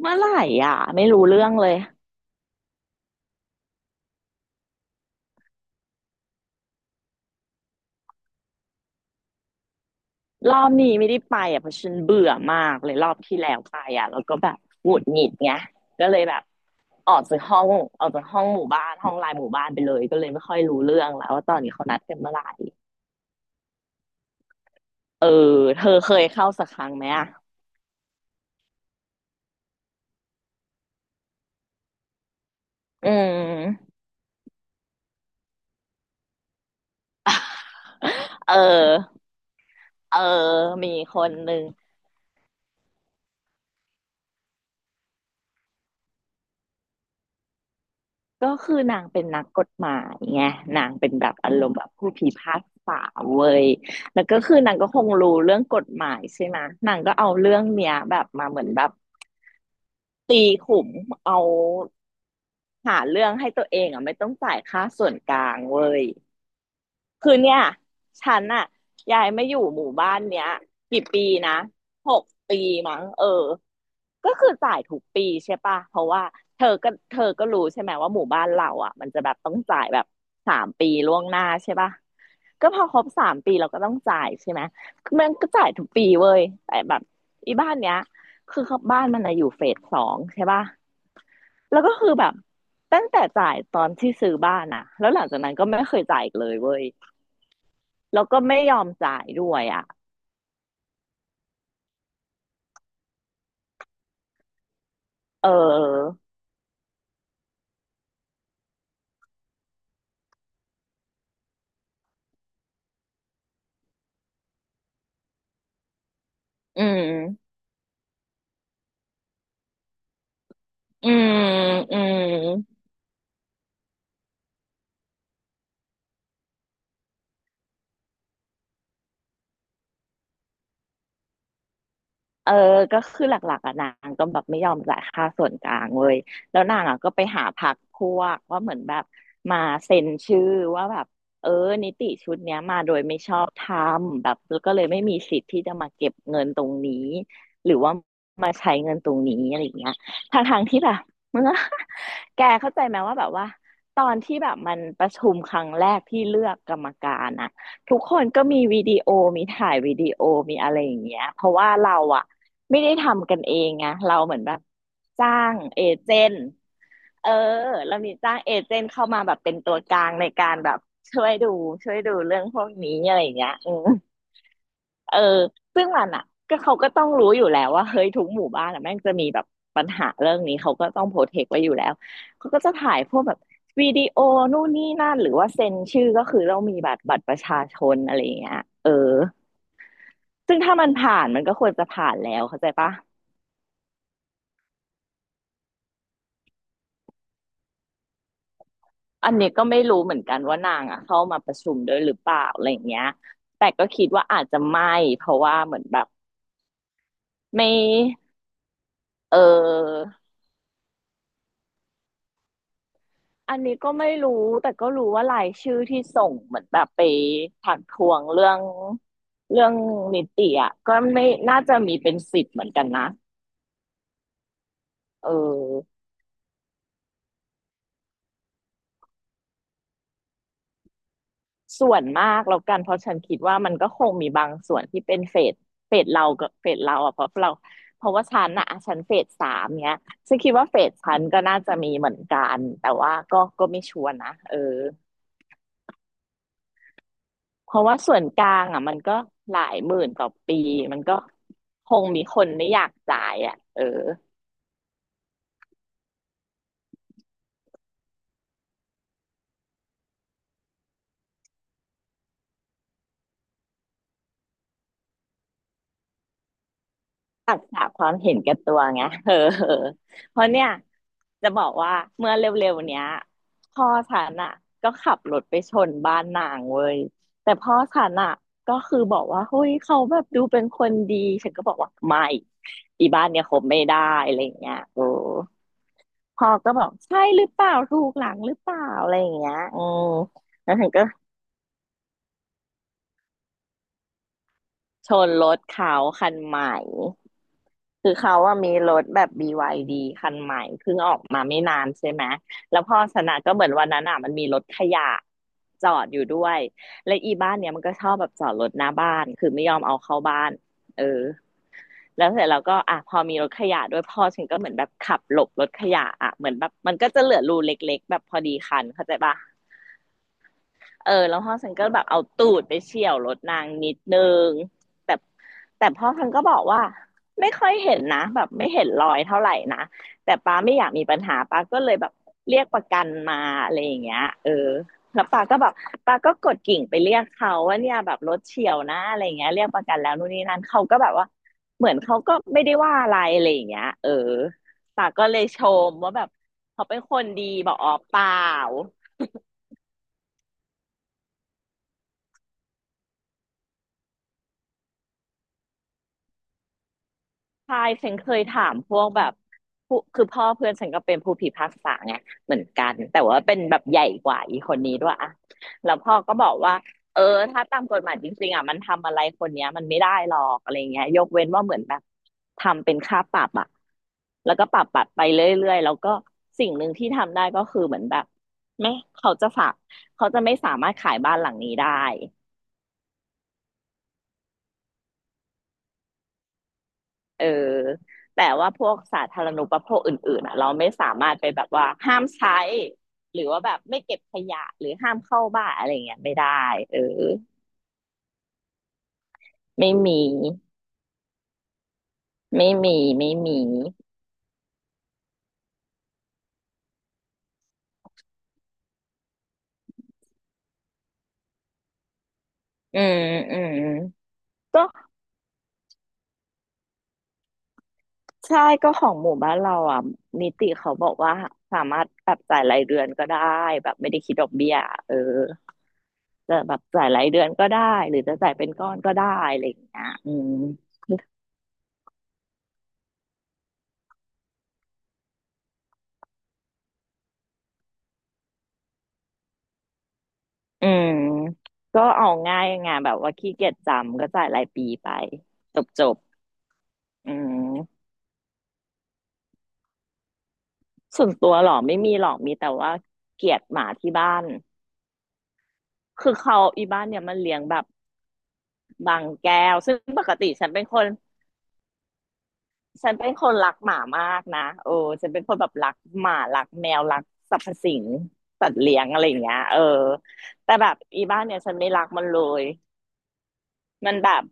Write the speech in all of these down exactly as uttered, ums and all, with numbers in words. เมื่อไหร่อ่ะไม่รู้เรื่องเลยรอบนี้ไม่ได้ไปอ่ะเพราะฉันเบื่อมากเลยรอบที่แล้วไปอ่ะแล้วก็แบบหงุดหงิดไงก็เลยแบบออกจากห้องออกจากห้องหมู่บ้านห้องไลน์หมู่บ้านไปเลยก็เลยไม่ค่อยรู้เรื่องแล้วว่าตอนนี้เขานัดกันเมื่อไหร่เออเธอเคยเข้าสักครั้งไหมอ่ะอืมเออเออมีคนหนึ่ง ก็คือนางเป็นนักกฎหมายไงนางเป็นแบบอารมณ์แบบผู้พิพากษาเว้ยแล้วก็คือนางก็คงรู้เรื่องกฎหมายใช่ไหมนางก็เอาเรื่องเนี้ยแบบมาเหมือนแบบตีขุมเอาหาเรื่องให้ตัวเองอ่ะไม่ต้องจ่ายค่าส่วนกลางเว้ย คือเนี่ยฉันอะยายไม่อยู่หมู่บ้านเนี้ยกี่ปีนะหกปีมั้งเออก็คือจ่ายทุกปีใช่ปะเพราะว่าเธอก็เธอก็รู้ใช่ไหมว่าหมู่บ้านเราอะมันจะแบบต้องจ่ายแบบสามปีล่วงหน้าใช่ปะก็พอครบสามปีเราก็ต้องจ่ายใช่ไหมมันก็จ่ายทุกปีเว้ยแต่แบบอีบ้านเนี้ยคือเขาบ้านมันอะอยู่เฟสสองใช่ปะแล้วก็คือแบบตั้งแต่จ่ายตอนที่ซื้อบ้านอะแล้วหลังจากนั้นก็ไม่เคยจ่ายอีกเลยเว้ย แล้วก็ไม่ยอมจ่ายด้วยอ่ะ เออ อืม อืมอืม เออก็คือหลักๆอ่ะนางก็แบบไม่ยอมจ่ายค่าส่วนกลางเว้ยแล้วนางอ่ะก็ไปหาพรรคพวกว่าเหมือนแบบมาเซ็นชื่อว่าแบบเออนิติชุดเนี้ยมาโดยไม่ชอบธรรมแบบแล้วก็เลยไม่มีสิทธิ์ที่จะมาเก็บเงินตรงนี้หรือว่ามาใช้เงินตรงนี้อะไรอย่างเงี้ยทางทางๆที่แบบมันก็ แกเข้าใจไหมว่าแบบว่าตอนที่แบบมันประชุมครั้งแรกที่เลือกกรรมการอะ ทุกคนก็มีวิดีโอมีถ่ายวิดีโอมีอะไรอย่างเงี้ยเพราะว่าเราอะไม่ได้ทำกันเองไงเราเหมือนแบบจ้างเอเจนต์เออเรามีจ้างเอเจนต์เข้ามาแบบเป็นตัวกลางในการแบบช่วยดูช่วยดูเรื่องพวกนี้อะไรอย่างเงี้ยอืม เออซึ่งมันอ่ะก็เขาก็ต้องรู้อยู่แล้วว่าเฮ้ยทุกหมู่บ้านอ่ะแม่งจะมีแบบปัญหาเรื่องนี้เขาก็ต้องโปรเทคไว้อยู่แล้วเขาก็จะถ่ายพวกแบบวิดีโอนู่นนี่นั่นหรือว่าเซ็นชื่อก็คือเรามีบัตรบัตรประชาชนอะไรอย่างเงี้ยเออซึ่งถ้ามันผ่านมันก็ควรจะผ่านแล้วเข้าใจปะอันนี้ก็ไม่รู้เหมือนกันว่านางอ่ะเข้ามาประชุมด้วยหรือเปล่าอะไรอย่างเงี้ยแต่ก็คิดว่าอาจจะไม่เพราะว่าเหมือนแบบไม่เออ อันนี้ก็ไม่รู้แต่ก็รู้ว่ารายชื่อที่ส่งเหมือนแบบไปถักทวงเรื่องเรื่องนิติอ่ะก็ไม่น่าจะมีเป็นสิบเหมือนกันนะเออส่วนมากแล้วกันเพราะฉันคิดว่ามันก็คงมีบางส่วนที่เป็นเฟสเฟสเรากับเฟสเราอ่ะเพราะเราเพราะว่าฉันอ่ะฉันเฟสสามเนี้ยฉันคิดว่าเฟสฉันก็น่าจะมีเหมือนกันแต่ว่าก็ก็ไม่ชัวร์นะเออ เพราะว่าส่วนกลางอ่ะมันก็หลายหมื่นต่อปีมันก็คงมีคนไม่อยากจ่ายอ่ะเออตักษะความเห็นแก่ตัวไงเออเออเพราะเนี่ยจะบอกว่าเมื่อเร็วๆเนี้ยพ่อฉันอ่ะก็ขับรถไปชนบ้านนางเว้ยแต่พ่อฉันอ่ะก็คือบอกว่าเฮ้ยเขาแบบดูเป็นคนดีฉันก็บอกว่าไม่อีบ้านเนี่ยคบไม่ได้อะไรอย่างเงี้ยโอ้พ่อก็บอกใช่หรือเปล่าถูกหลังหรือเปล่าอะไรอย่างเงี้ยอืมแล้วฉันก็ ชนรถเขาคันใหม่คือเขาว่ามีรถแบบ บี วาย ดี คันใหม่เพิ่งออกมาไม่นานใช่ไหมแล้วพ่อชนะก็เหมือนวันนั้นอ่ะมันมีรถขยะจอดอยู่ด้วยและอีบ้านเนี้ยมันก็ชอบแบบจอดรถหน้าบ้านคือไม่ยอมเอาเข้าบ้านเออแล้วเสร็จแล้วก็อ่ะพอมีรถขยะด้วยพ่อฉันก็เหมือนแบบขับหลบรถขยะอ่ะเหมือนแบบมันก็จะเหลือรูเล็กๆแบบพอดีคันเข้าใจปะ เออแล้วพ่อฉันก็แบบเอาตูดไปเฉี่ยวรถนางนิดนึงแต่แต่พ่อฉันก็บอกว่าไม่ค่อยเห็นนะแบบไม่เห็นรอยเท่าไหร่นะแต่ป้าไม่อยากมีปัญหาป้าก็เลยแบบเรียกประกันมาอะไรอย่างเงี้ยเออแล้วป้าก็แบบป้าก็กดกิ่งไปเรียกเขาว่าเนี่ยแบบรถเฉี่ยวนะอะไรอย่างเงี้ยเรียกประกันแล้วนู่นนี่นั่นเขาก็แบบว่าเหมือนเขาก็ไม่ได้ว่าอะไรอะไรอย่างเงี้ยเออป้าก็เลยชมว่าแบบเขาเป็นคนดีบอกอ๋อเปล่า ใช่ฉันเคยถามพวกแบบผู้คือพ่อเพื่อนฉันก็เป็นผู้พิพากษาไงเหมือนกันแต่ว่าเป็นแบบใหญ่กว่าอีคนนี้ด้วยอะแล้วพ่อก็บอกว่าเออถ้าตามกฎหมายจริงๆอ่ะมันทำอะไรคนเนี้ยมันไม่ได้หรอกอะไรเงี้ยยกเว้นว่าเหมือนแบบทำเป็นค่าปรับอะแล้วก็ปรับปรับไปเรื่อยๆแล้วก็สิ่งหนึ่งที่ทำได้ก็คือเหมือนแบบไม่เขาจะฝากเขาจะไม่สามารถขายบ้านหลังนี้ได้ เออแต่ว่าพวกสาธารณูปโภคอื่นๆอ่ะเราไม่สามารถไปแบบว่าห้ามใช้หรือว่าแบบไม่เก็บขยะหรือห้ามเข้าบ้านอะไรเงี้ยไม่ได้เออไม่มีไม่มีไม่มีอืมอืมก็ใช่ก็ของหมู่บ้านเราอ่ะนิติเขาบอกว่าสามารถแบบจ่ายรายเดือนก็ได้แบบไม่ได้คิดดอกเบี้ยเออจะแบบจ่ายรายเดือนก็ได้หรือจะจ่ายเป็นก้อนก็ได้อะไรอย่างเงี้ยอืม อืมก็เอาง่ายไงแบบว่าขี้เกียจจำก็จ่ายรายปีไปจบจบอืมส่วนตัวหรอไม่มีหรอกมีแต่ว่าเกลียดหมาที่บ้านคือเขาอีบ้านเนี่ยมันเลี้ยงแบบบางแก้วซึ่งปกติฉันเป็นคนฉันเป็นคนรักหมามากนะโอ้ฉันเป็นคนแบบรักหมารักแมวรักสรรพสิ่งสัตว์เลี้ยงอะไรอย่างเงี้ยเออแต่แบบอีบ้านเนี่ยฉันไม่รักมันเลย มันแบบ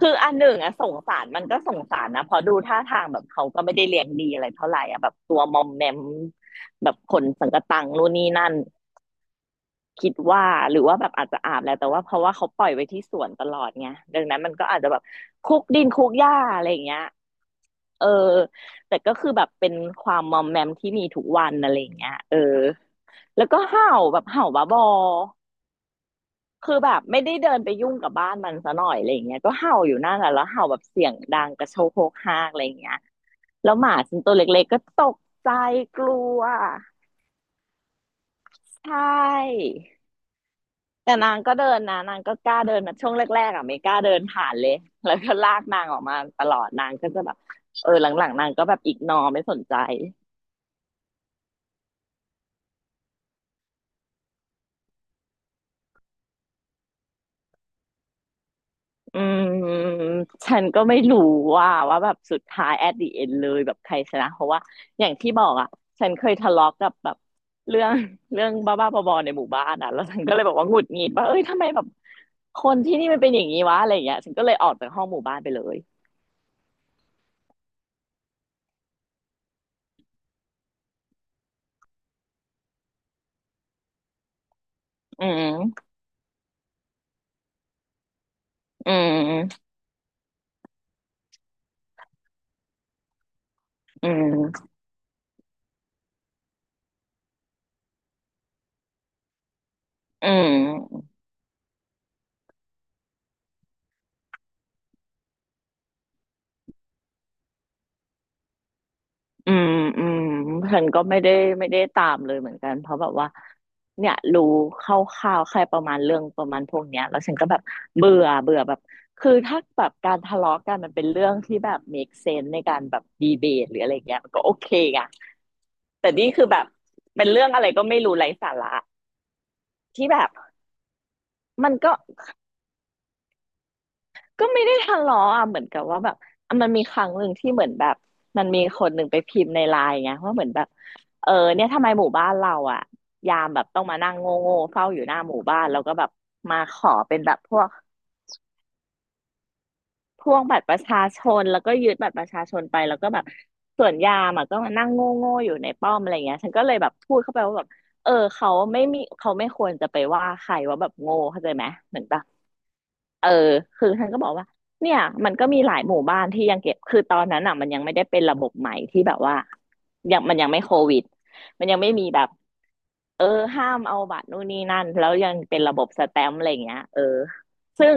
คืออันหนึ่งอะสงสารมันก็สงสารนะเพอดูท่าทางแบบเขาก็ไม่ได้เลี้ยงดีอะไรเท่าไหร่อะแบบตัวมอมแมมแบบขนสังกะตังนู่นนี่นั่นคิดว่าหรือว่าแบบอาจจะอาบแล้วแต่ว่าเพราะว่าเขาปล่อยไว้ที่สวนตลอดไงดังนั้นมันก็อาจจะแบบคุกดินคุกหญ้าอะไรอย่างเงี้ยเออแต่ก็คือแบบเป็นความมอมแมมที่มีทุกวันอะไรอย่างเงี้ยเออแล้วก็เห่าแบบเห่าบ้าบอ คือแบบไม่ได้เดินไปยุ่งกับบ้านมันซะหน่อยอะไรอย่างเงี้ยก็เห่าอยู่นั่นแหละแล้วเห่าแบบเสียงดังกระโชกโฮกฮากอะไรอย่างเงี้ยแล้วหมาฉันตัวเล็กๆก็ตกใจกลัวใช่แต่นางก็เดินนะนางก็กล้าเดินนะช่วงแรกๆอ่ะไม่กล้าเดินผ่านเลยแล้วก็ลากนางออกมาตลอดนางก็จะแบบเออหลังๆนางก็แบบอีกนอไม่สนใจ อืมฉันก็ไม่รู้ว่าว่าแบบสุดท้าย at the end เลยแบบใครชนะเพราะว่าอย่างที่บอกอ่ะฉันเคยทะเลาะกับแบบเรื่อง เรื่องบ้าๆบอๆในหมู่บ้านอ่ะแล้วฉันก็เลยบอกว่าหงุดหงิดว่าเอ้ยทำไมแบบคนที่นี่มันเป็นอย่างนี้วะอะไรอย่างเงี้ยฉันก็เลยออกจากห้องหมู่บ้านไปเลยอืมอืมอืมอืม อืมอืมฉันก็ไม่ได้ไม่ได้ตามเลยเหมือนกันเพราะแบบว่าเนี่ยรู้คร่าวๆแค่ประมาณเรื่องประมาณพวกเนี้ยแล้วฉันก็แบบเบื่อเบื่อแบบคือถ้าแบบการทะเลาะกันมันเป็นเรื่องที่แบบ make sense ในการแบบดีเบตหรืออะไรเงี้ยมันก็โอเคอะแต่นี่คือแบบเป็นเรื่องอะไรก็ไม่รู้ไร้สาระที่แบบมันก็ ก็ไม่ได้ทะเลาะอ่ะเหมือนกับว่าแบบอ่ะมันมีครั้งหนึ่งที่เหมือนแบบมันมีคนหนึ่งไปพิมพ์ในไลน์ไงว่าเหมือนแบบเออเนี่ยทำไมหมู่บ้านเราอ่ะยามแบบต้องมานั่งโง่โง่เฝ้าอยู่หน้าหมู่บ้านแล้วก็แบบมาขอเป็นแบบพวกพวกบัตรประชาชนแล้วก็ยึดบัตรประชาชนไปแล้วก็แบบส่วนยามอ่ะก็มานั่งโง่โง่อยู่ในป้อมอะไรเงี้ยฉันก็เลยแบบพูดเข้าไปว่าแบบเออเขาไม่มีเขาไม่ควรจะไปว่าใครว่าแบบโง่เข้าใจไหมเหมือนแบบ เออคือท่านก็บอกว่าเนี่ยมันก็มีหลายหมู่บ้านที่ยังเก็บคือตอนนั้นอ่ะมันยังไม่ได้เป็นระบบใหม่ที่แบบว่ายังมันยังไม่โควิดมันยังไม่มีแบบ เออห้ามเอาบัตรนู่นนี่นั่นแล้วยังเป็นระบบสแตมป์อะไรอย่างเงี้ยเออซึ่ง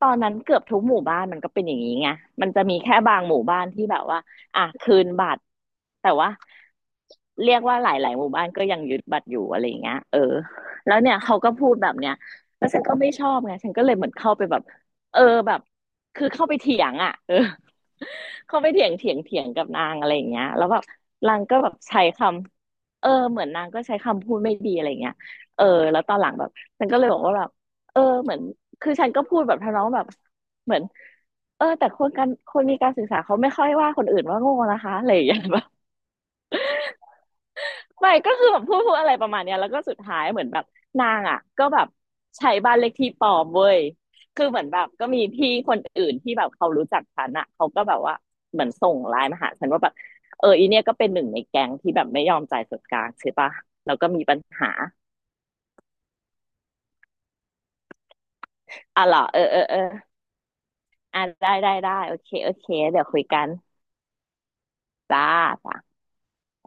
ตอนนั้นเกือบทุกหมู่บ้านมันก็เป็นอย่างนี้ไงมันจะมีแค่บางหมู่บ้านที่แบบว่าอ่ะคืนบัตรแต่ว่าเรียกว่าหลายๆหมู่บ้านก็ยังยึดบัตรอยู่อะไรอย่างเงี้ยเออแล้วเนี่ยเขาก็พูดแบบเนี้ยแล้วฉันก็ไม่ชอบไงฉันก็เลยเหมือนเข้าไปแบบเออแบบคือเข้าไปเถียงอ่ะเออเข้าไปเถียงเถียงเถียงกับนางอะไรอย่างเงี้ยแล้วแบบนางก็แบบใช้คำ เออเหมือนนางก็ใช้คำพูดไม่ดีอะไรเงี้ยเออแล้วตอนหลังแบบฉันก็เลยบอกว่าแบบเออเหมือนคือฉันก็พูดแบบทำนองแบบเหมือนเออแต่คนการคนมีการศึกษาเขาไม่ค่อยว่าคนอื่นว่าโง่นะคะอะไรอย่างเงี้ย แบบไม่ก็คือแบบพูดพูดอะไรประมาณเนี้ยแล้วก็สุดท้ายเหมือนแบบนางอ่ะก็แบบใช้บ้านเลขที่ปลอมเว้ยคือเหมือนแบบก็มีพี่คนอื่นที่แบบเขารู้จักฉันอ่ะเขาก็แบบว่าเหมือนส่งไลน์มาหาฉันว่าแบบเอออีเนี่ยก็เป็นหนึ่งในแก๊งที่แบบไม่ยอมจ่ายส่วนกลางใช่ปะแล้วก็มีปัญหา อ่ะเหรอเออ เออ เอออ่ะได้ได้ได้โอเคโอเคเดี๋ยวคุยกันจ้าจ้า